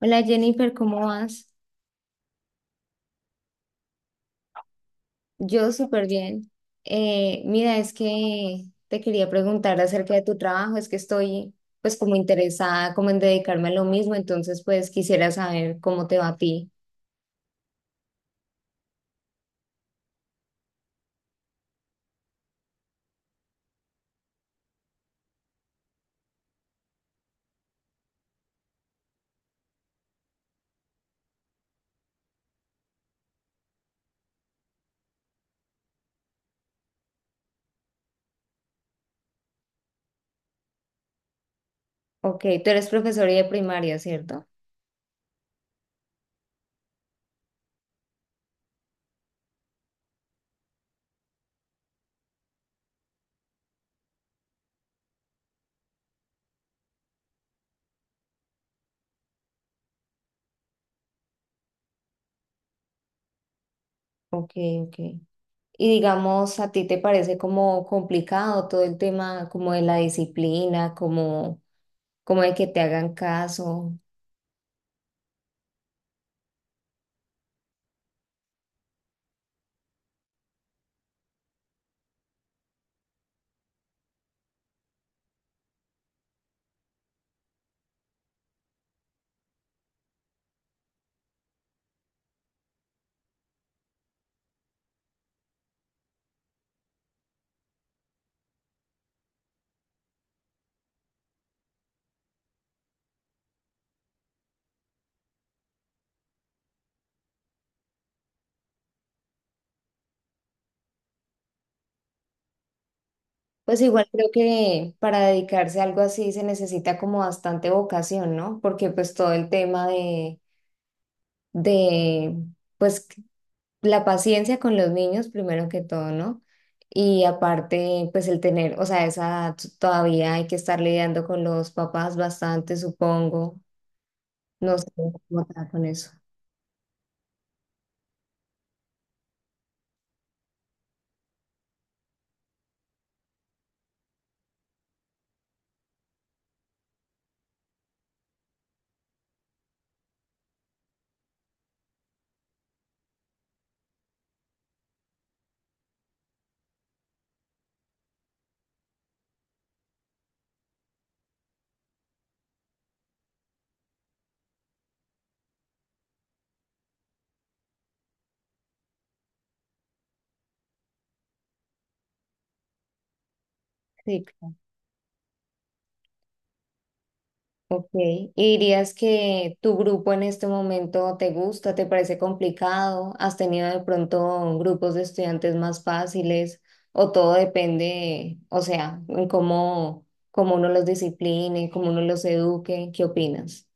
Hola Jennifer, ¿cómo vas? Yo súper bien. Mira, es que te quería preguntar acerca de tu trabajo, es que estoy pues como interesada como en dedicarme a lo mismo, entonces pues quisiera saber cómo te va a ti. Ok, tú eres profesora de primaria, ¿cierto? Ok, ok. Y digamos, ¿a ti te parece como complicado todo el tema como de la disciplina, como, como de que te hagan caso? Pues igual creo que para dedicarse a algo así se necesita como bastante vocación, ¿no? Porque pues todo el tema de, pues la paciencia con los niños primero que todo, ¿no? Y aparte, pues el tener, o sea, esa edad todavía hay que estar lidiando con los papás bastante, supongo. No sé cómo está con eso. Sí, ok, ¿y dirías que tu grupo en este momento te gusta, te parece complicado? ¿Has tenido de pronto grupos de estudiantes más fáciles? ¿O todo depende, o sea, en cómo, cómo uno los discipline, cómo uno los eduque? ¿Qué opinas?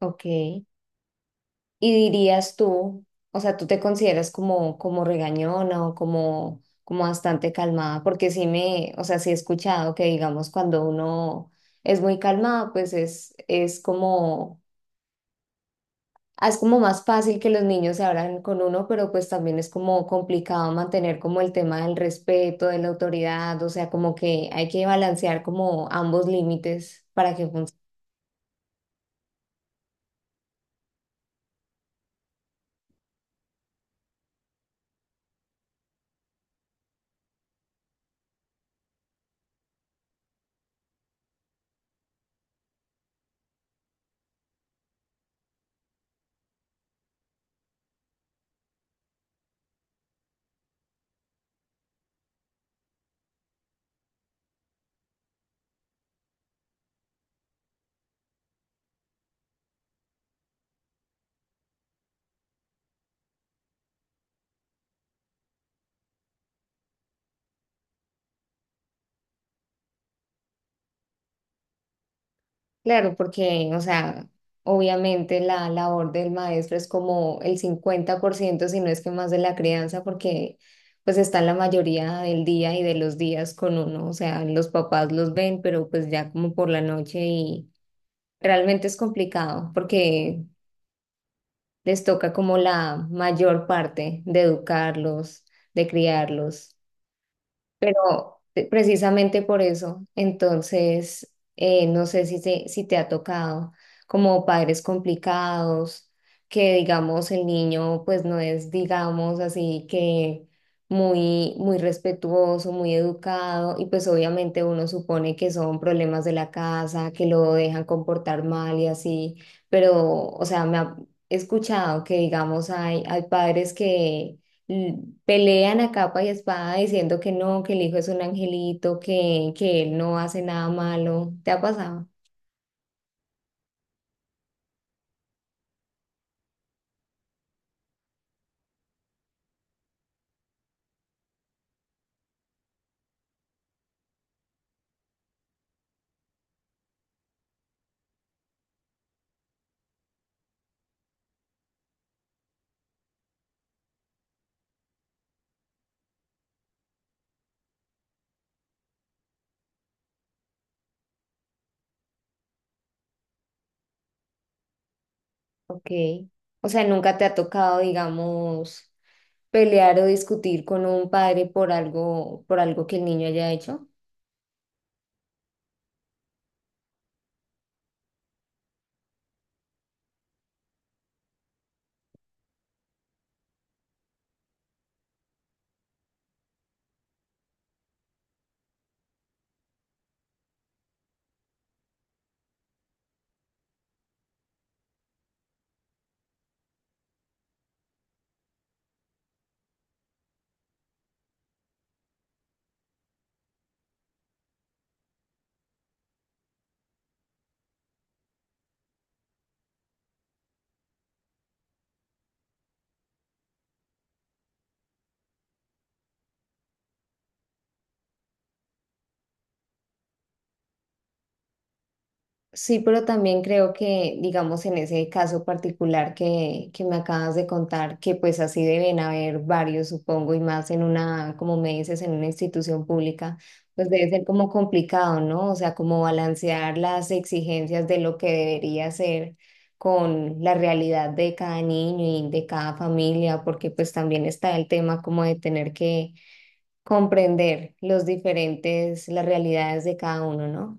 Ok, ¿y dirías tú, o sea, tú te consideras como, como regañona o como, como bastante calmada? Porque sí me, o sea, sí he escuchado que digamos cuando uno es muy calmado, pues es como ah, es como más fácil que los niños se abran con uno, pero pues también es como complicado mantener como el tema del respeto, de la autoridad, o sea, como que hay que balancear como ambos límites para que funcione. Claro, porque, o sea, obviamente la labor del maestro es como el 50% si no es que más de la crianza, porque pues están la mayoría del día y de los días con uno, o sea, los papás los ven, pero pues ya como por la noche y realmente es complicado porque les toca como la mayor parte de educarlos, de criarlos. Pero precisamente por eso, entonces, no sé si te, si te ha tocado como padres complicados, que digamos el niño pues no es, digamos así que muy, muy respetuoso, muy educado, y pues obviamente uno supone que son problemas de la casa, que lo dejan comportar mal y así, pero, o sea, me ha he escuchado que digamos hay, hay padres que pelean a capa y espada diciendo que no, que el hijo es un angelito, que él no hace nada malo. ¿Te ha pasado? Ok. O sea, nunca te ha tocado, digamos, pelear o discutir con un padre por algo que el niño haya hecho. Sí, pero también creo que, digamos, en ese caso particular que me acabas de contar, que pues así deben haber varios, supongo, y más en una, como me dices, en una institución pública, pues debe ser como complicado, ¿no? O sea, como balancear las exigencias de lo que debería ser con la realidad de cada niño y de cada familia, porque pues también está el tema como de tener que comprender los diferentes, las realidades de cada uno, ¿no?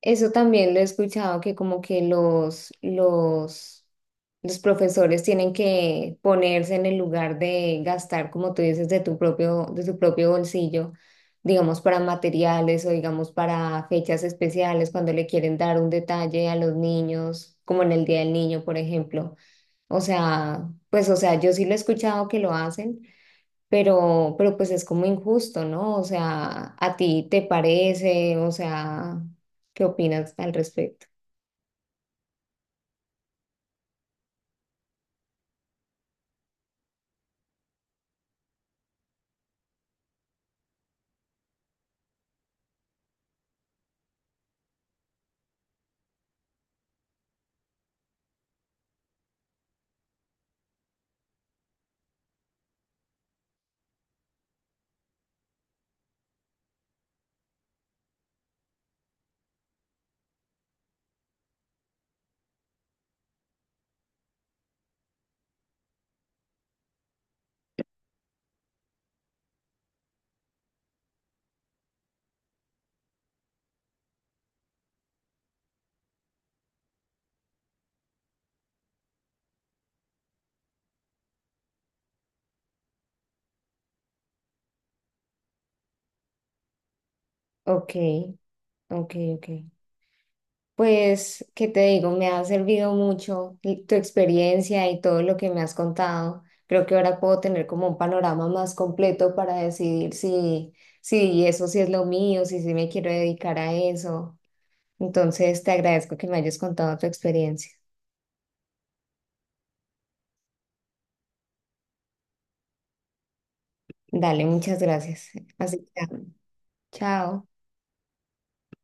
Eso también lo he escuchado, que como que los profesores tienen que ponerse en el lugar de gastar, como tú dices, de tu propio bolsillo, digamos, para materiales o digamos para fechas especiales, cuando le quieren dar un detalle a los niños, como en el Día del Niño, por ejemplo. O sea, pues, o sea, yo sí lo he escuchado que lo hacen pero pues es como injusto, ¿no? O sea, ¿a ti te parece? O sea, ¿qué opinas al respecto? Ok, ok, ok. Pues, ¿qué te digo? Me ha servido mucho y- tu experiencia y todo lo que me has contado. Creo que ahora puedo tener como un panorama más completo para decidir si, si eso sí es lo mío, si sí me quiero dedicar a eso. Entonces, te agradezco que me hayas contado tu experiencia. Dale, muchas gracias. Así que, chao.